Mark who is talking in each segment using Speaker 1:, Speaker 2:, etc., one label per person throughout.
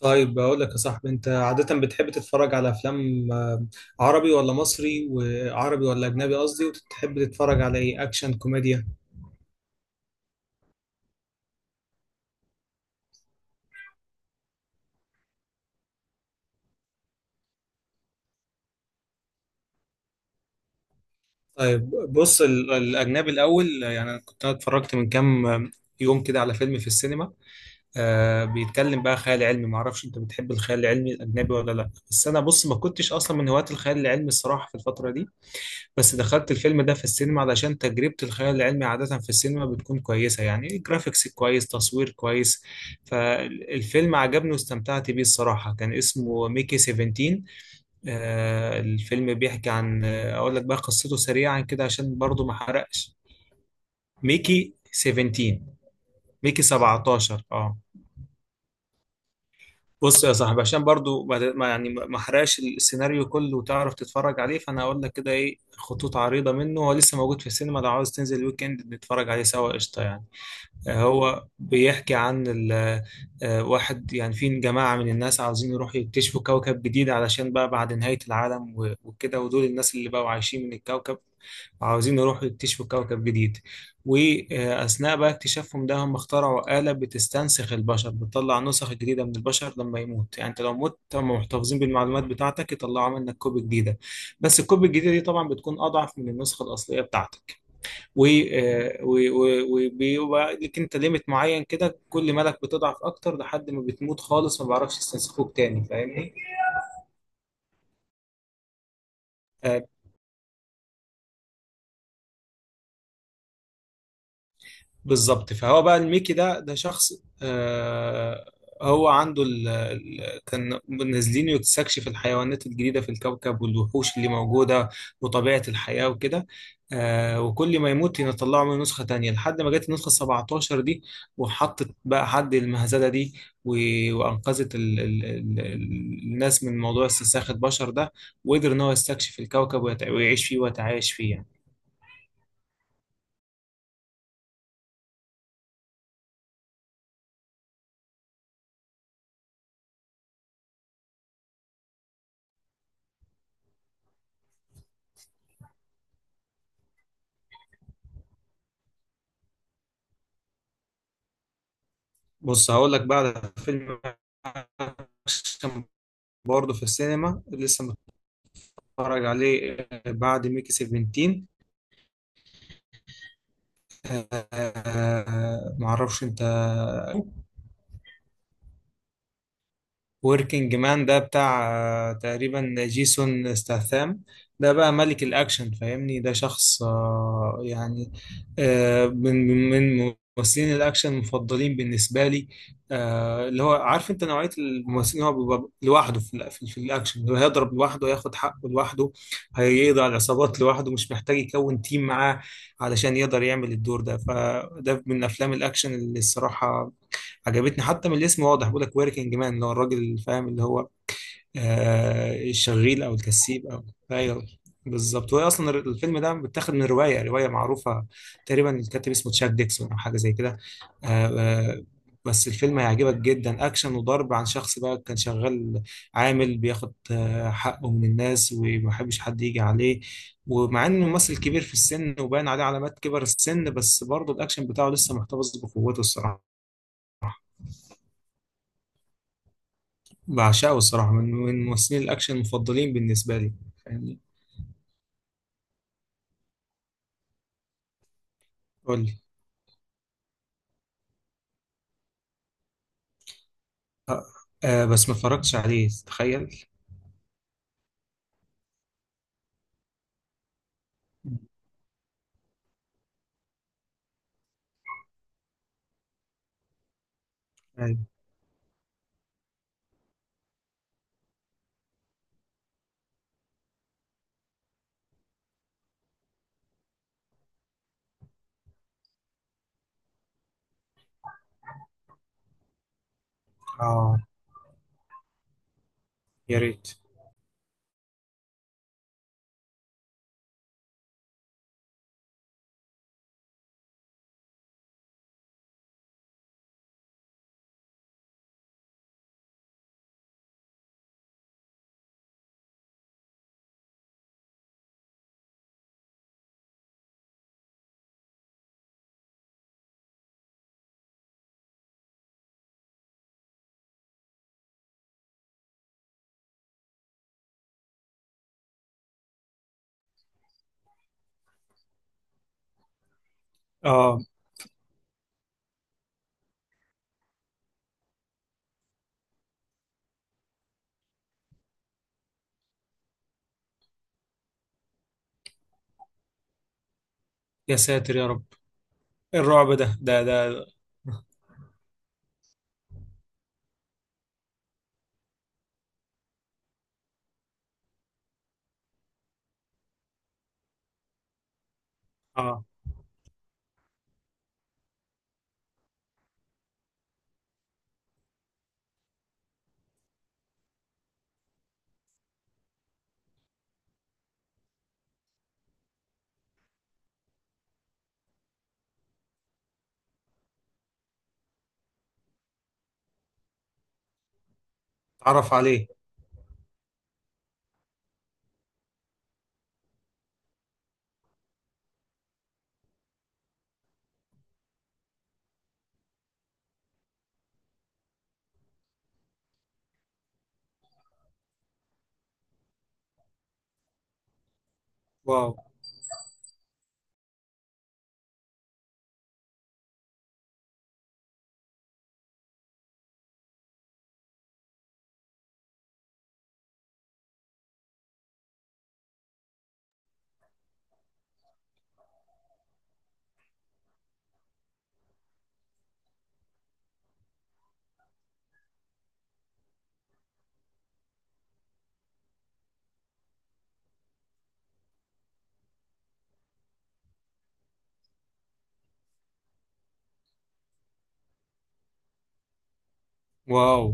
Speaker 1: طيب، بقول لك يا صاحبي، انت عادة بتحب تتفرج على افلام عربي ولا مصري؟ وعربي ولا اجنبي قصدي؟ وتحب تتفرج على ايه، اكشن، كوميديا؟ طيب بص، الاجنبي الاول. يعني انا كنت اتفرجت من كام يوم كده على فيلم في السينما. بيتكلم بقى خيال علمي. معرفش انت بتحب الخيال العلمي الاجنبي ولا لا، بس انا بص، ما كنتش اصلا من هواة الخيال العلمي الصراحة في الفترة دي. بس دخلت الفيلم ده في السينما علشان تجربة الخيال العلمي عادة في السينما بتكون كويسة، يعني جرافيكس كويس، تصوير كويس. فالفيلم عجبني واستمتعت بيه الصراحة. كان اسمه ميكي 17. الفيلم بيحكي عن أقول لك بقى قصته سريعا كده عشان برضو ما حرقش. ميكي 17. ميكي 17 اه. بص يا صاحبي، عشان برضو يعني ما احرقش السيناريو كله وتعرف تتفرج عليه، فانا هقول لك كده ايه خطوط عريضة منه. هو لسه موجود في السينما، لو عاوز تنزل الويك اند نتفرج عليه سوا قشطة يعني. هو بيحكي عن واحد، يعني في جماعة من الناس عاوزين يروحوا يكتشفوا كوكب جديد علشان بقى بعد نهاية العالم وكده، ودول الناس اللي بقوا عايشين من الكوكب وعاوزين يروحوا يكتشفوا كوكب جديد. وأثناء بقى اكتشافهم ده هم اخترعوا آلة بتستنسخ البشر، بتطلع نسخ جديدة من البشر لما يموت، يعني انت لو مت هم محتفظين بالمعلومات بتاعتك يطلعوا منك كوبي جديدة. بس الكوبي الجديدة دي طبعا بتكون أضعف من النسخة الأصلية بتاعتك. و- آه، و- و- وبيبقى لك انت ليميت معين كده، كل مالك بتضعف اكتر لحد ما بتموت خالص، ما بعرفش يستنسخوك تاني، فاهمني؟ آه، بالظبط. فهو بقى الميكي ده شخص. آه هو عنده ال ال كان نازلين يستكشف الحيوانات الجديدة في الكوكب والوحوش اللي موجودة وطبيعة الحياة وكده. وكل ما يموت يطلعوا منه نسخة تانية لحد ما جت النسخة 17 دي وحطت بقى حد المهزلة دي، وأنقذت ال ال ال الناس من موضوع استنساخ البشر ده، وقدر إن هو يستكشف الكوكب ويعيش فيه ويتعايش فيه يعني. بص هقول لك بقى على فيلم اكشن برضه في السينما لسه متفرج عليه، بعد ميكي 17. آه، آه، معرفش انت وركينج مان ده بتاع تقريبا جيسون ستاثام. ده بقى ملك الأكشن، فاهمني. ده شخص يعني من ممثلين الأكشن المفضلين بالنسبة لي، اللي هو عارف أنت نوعية الممثلين اللي هو بيبقى لوحده في في الأكشن، اللي هو هيضرب لوحده، ياخد حقه لوحده، هيقضي على العصابات لوحده، مش محتاج يكون تيم معاه علشان يقدر يعمل الدور ده. فده من أفلام الأكشن اللي الصراحة عجبتني. حتى من الاسم واضح، بيقول لك وركينج مان اللي هو الراجل، اللي فاهم اللي هو الشغيل او الكسيب او... ايوه، بالظبط. وهي اصلا الفيلم ده متاخد من روايه معروفه. تقريبا الكاتب اسمه تشاك ديكسون او حاجه زي كده. آه آه بس الفيلم هيعجبك جدا، اكشن وضرب عن شخص بقى كان شغال، عامل بياخد حقه من الناس وما بيحبش حد يجي عليه. ومع انه ممثل كبير في السن وباين عليه علامات كبر السن، بس برضه الاكشن بتاعه لسه محتفظ بقوته الصراحه. بعشقه الصراحة، من ممثلين الأكشن المفضلين بالنسبة لي، فاهمني. قول لي. آه. بس ما اتفرجتش عليه تخيل. يعني. آه. يا ريت. آه. يا ساتر يا رب، إيه الرعب ده؟ آه. اتعرف عليه؟ واو. واو.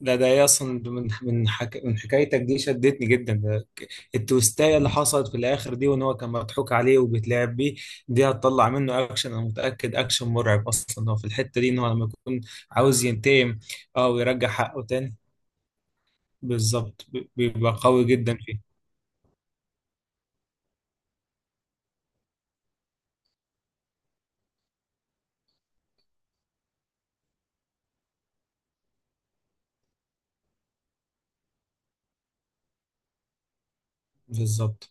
Speaker 1: ده ده إيه اصلا ده، من من حكايتك دي شدتني جدا. التويستاية اللي حصلت في الاخر دي، وان هو كان مضحوك عليه وبيتلعب بيه، دي هتطلع منه اكشن انا متاكد. اكشن مرعب اصلا هو في الحته دي، ان هو لما يكون عاوز ينتقم اه ويرجع حقه تاني. بالظبط بيبقى قوي جدا فيه. بالظبط.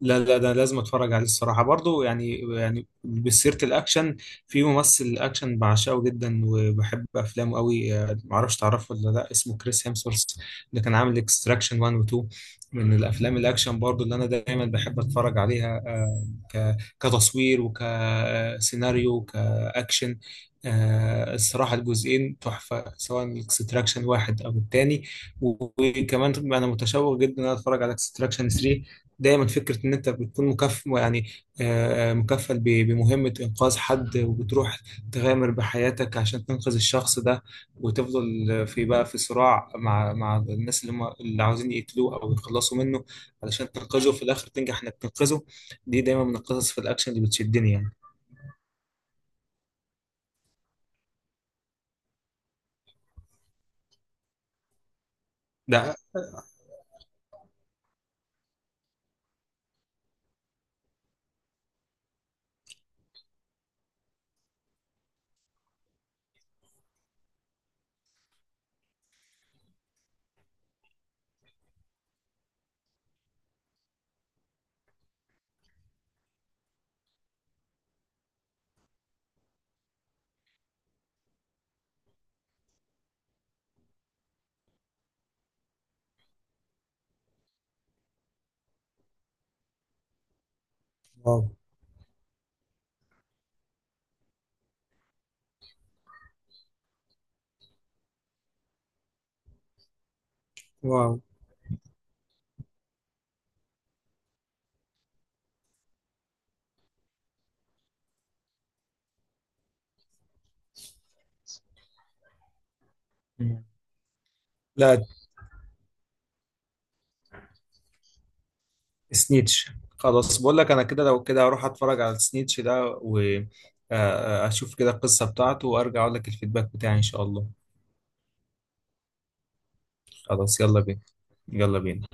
Speaker 1: لا لا، ده لازم اتفرج عليه الصراحه برضو، يعني بسيره الاكشن. في ممثل اكشن بعشقه جدا وبحب افلامه قوي، معرفش تعرفه ولا لا، اسمه كريس هيمسورث، اللي كان عامل اكستراكشن 1 و 2. من الافلام الاكشن برضو اللي انا دايما بحب اتفرج عليها، كتصوير وكسيناريو وكاكشن. الصراحة الجزئين تحفة، سواء الاكستراكشن واحد أو التاني. وكمان أنا متشوق جدا إن أنا أتفرج على اكستراكشن 3. دايما فكرة إن أنت بتكون مكفل يعني، مكفل بمهمة إنقاذ حد، وبتروح تغامر بحياتك عشان تنقذ الشخص ده، وتفضل في بقى في صراع مع الناس اللي هم اللي عاوزين يقتلوه أو يخلصوا منه، علشان تنقذه في الآخر تنجح إنك تنقذه. دي دايما من القصص في الأكشن اللي بتشدني يعني. ده. واو. واو. مم. لا. سنيتش. خلاص بقول لك انا كده، لو كده اروح اتفرج على سنيتش ده واشوف كده القصة بتاعته وارجع اقول لك الفيدباك بتاعي ان شاء الله. خلاص، يلا بينا، يلا بينا.